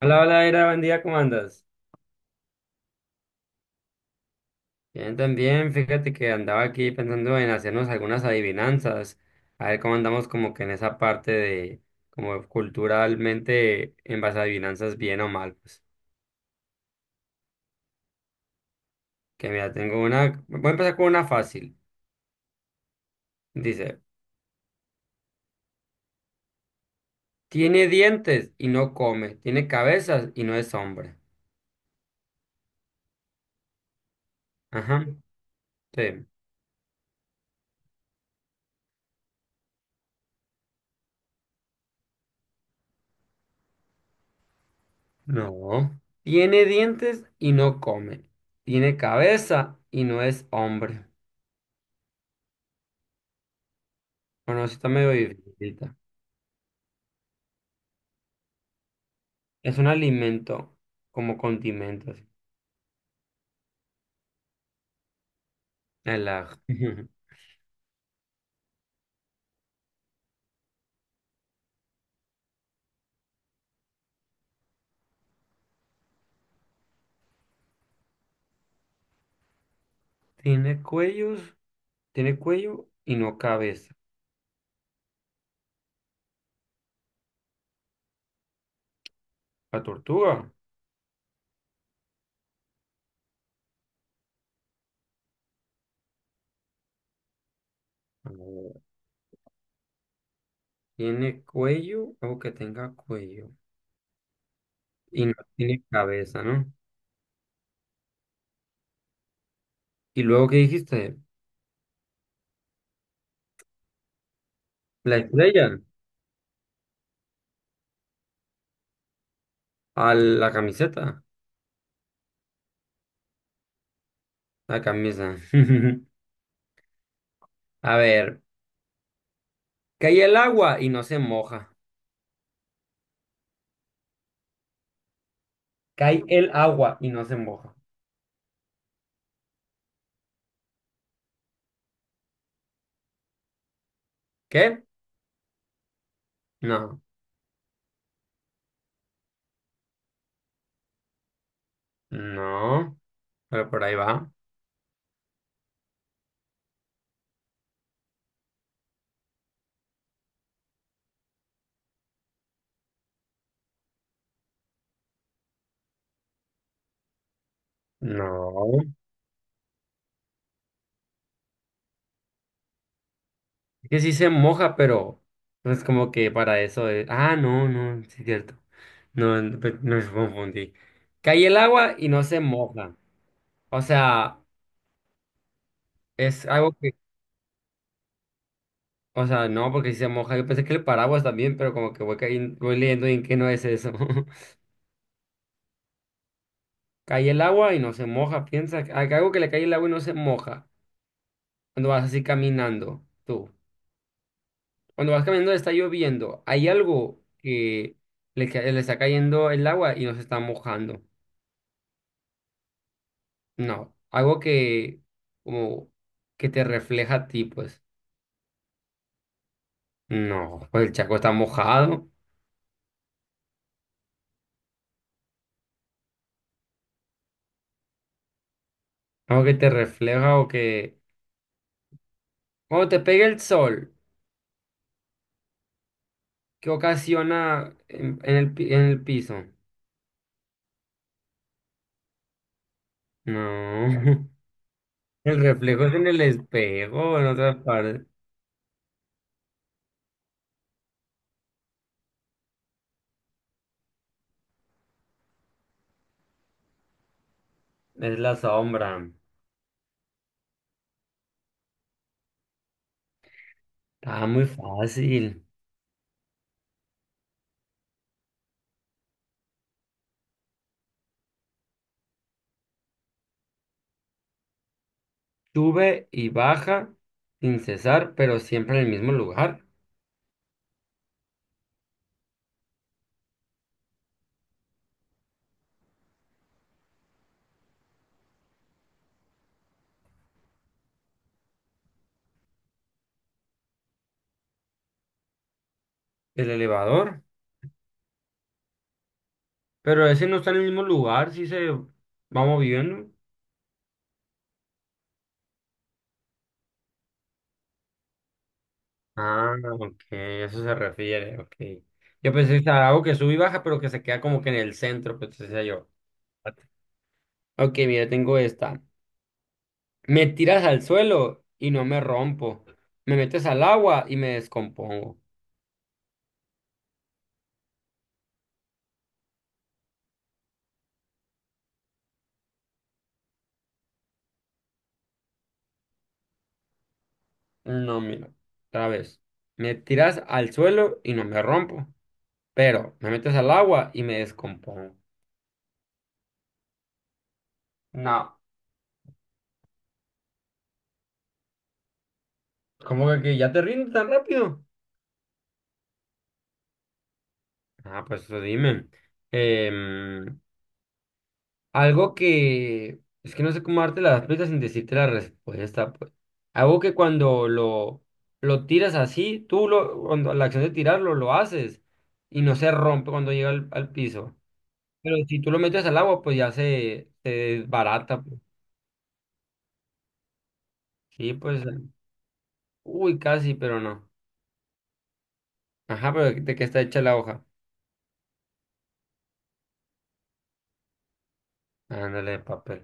Hola, hola, Ira, buen día, ¿cómo andas? Bien, también, fíjate que andaba aquí pensando en hacernos algunas adivinanzas, a ver cómo andamos como que en esa parte de, como culturalmente, en base a adivinanzas, bien o mal, pues. Que mira, tengo una, voy a empezar con una fácil. Dice, tiene dientes y no come, tiene cabezas y no es hombre. Ajá, sí. No. Tiene dientes y no come, tiene cabeza y no es hombre. Bueno, eso está medio difícil. Es un alimento como condimentos. El ajo. Tiene cuellos, tiene cuello y no cabeza. La tortuga. A ver, tiene cuello, algo que tenga cuello. Y no tiene cabeza, ¿no? Y luego, ¿qué dijiste? La estrella. A la camiseta. La camisa. A ver. Cae el agua y no se moja. Cae el agua y no se moja. ¿Qué? No. No. Pero por ahí va. No. Es que sí se moja, pero no es como que para eso es. Ah, no, no, sí es cierto. No, no, no, me confundí. Cae el agua y no se moja. O sea, es algo que. O sea, no, porque si se moja. Yo pensé que el paraguas también, pero como que voy, voy leyendo y en qué no es eso. Cae el agua y no se moja. Piensa, algo que le cae el agua y no se moja. Cuando vas así caminando, tú. Cuando vas caminando está lloviendo. Hay algo que le está cayendo el agua y no se está mojando. No, algo que como que te refleja a ti, pues. No, pues el charco está mojado. Algo que te refleja o que cuando te pega el sol, que ocasiona en, en el piso? No, el reflejo es en el espejo, en otra parte. Es la sombra. Está muy fácil. Sube y baja sin cesar, pero siempre en el mismo lugar. El elevador. Pero ese no está en el mismo lugar, si se va moviendo. Ah, ok, a eso se refiere, ok. Yo pensé que estaba algo que sube y baja, pero que se queda como que en el centro, pues decía yo. Ok, mira, tengo esta. Me tiras al suelo y no me rompo. Me metes al agua y me descompongo. No, mira, otra vez. Me tiras al suelo y no me rompo, pero me metes al agua y me descompongo. No, ¿cómo que ya te rindes tan rápido? Ah, pues eso dime. Em, Algo que es que no sé cómo darte las pistas sin decirte la respuesta, pues. Algo que cuando lo tiras así, tú lo, cuando la acción de tirarlo lo haces y no se rompe cuando llega al piso. Pero si tú lo metes al agua, pues ya se desbarata, pues. Sí, pues. Uy, casi, pero no. Ajá, pero ¿de qué está hecha la hoja? Ándale, de papel.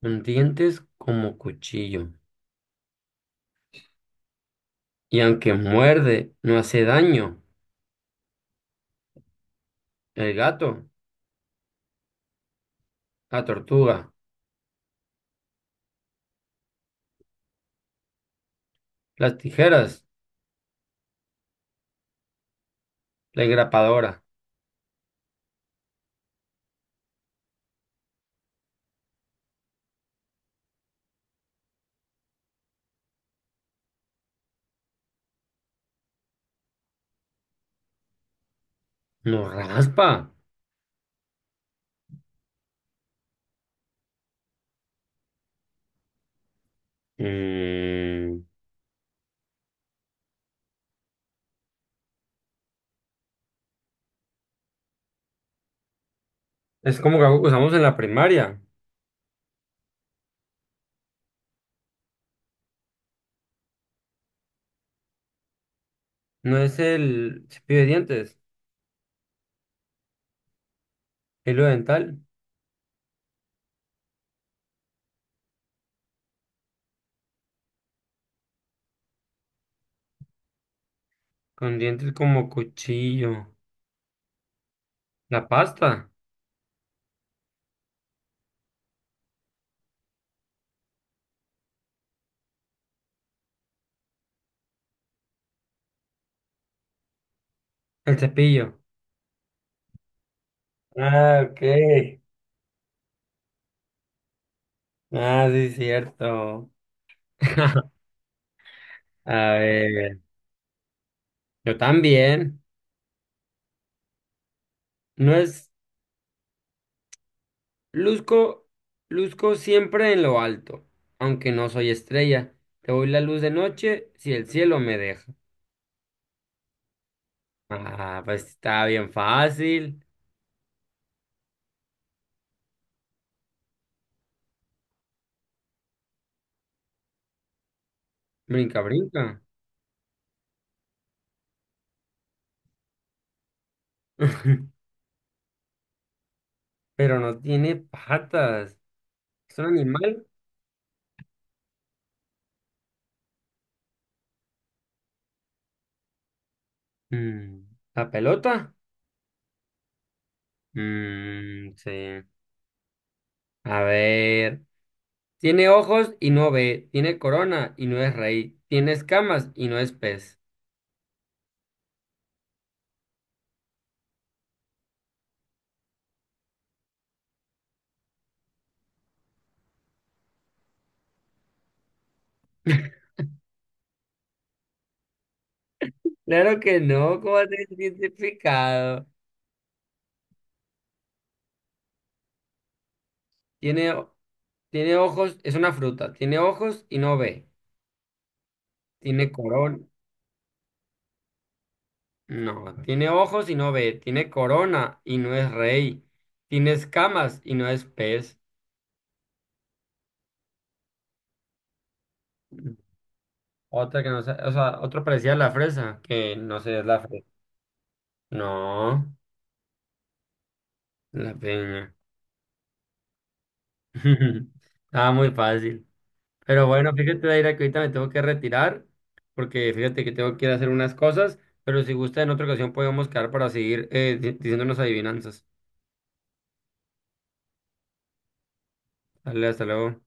Con dientes como cuchillo. Y aunque muerde, no hace daño. El gato, la tortuga. Las tijeras, la engrapadora. No raspa. Mm, es como que algo que usamos en la primaria. No es el cepillo de dientes, el hilo dental, con dientes como cuchillo. La pasta, el cepillo. Ah, ok. Ah, sí, cierto. A ver, yo también. No es, luzco, luzco siempre en lo alto, aunque no soy estrella. Te voy la luz de noche si el cielo me deja. Ah, pues está bien fácil. Brinca, brinca. Pero no tiene patas. ¿Es un animal? Mm, ¿la pelota? Mm, sí. A ver. Tiene ojos y no ve. Tiene corona y no es rey. Tiene escamas y no es pez. Claro que no, ¿cómo has identificado? Tiene, tiene ojos, es una fruta. Tiene ojos y no ve. Tiene corona. No, tiene ojos y no ve, tiene corona y no es rey, tiene escamas y no es pez. Otra que no sé, o sea, otro parecía la fresa, que no sé, es la fresa. No, la peña. Estaba muy fácil. Pero bueno, fíjate, Daira, que ahorita me tengo que retirar, porque fíjate que tengo que ir a hacer unas cosas, pero si gusta, en otra ocasión podemos quedar para seguir diciéndonos adivinanzas. Dale, hasta luego.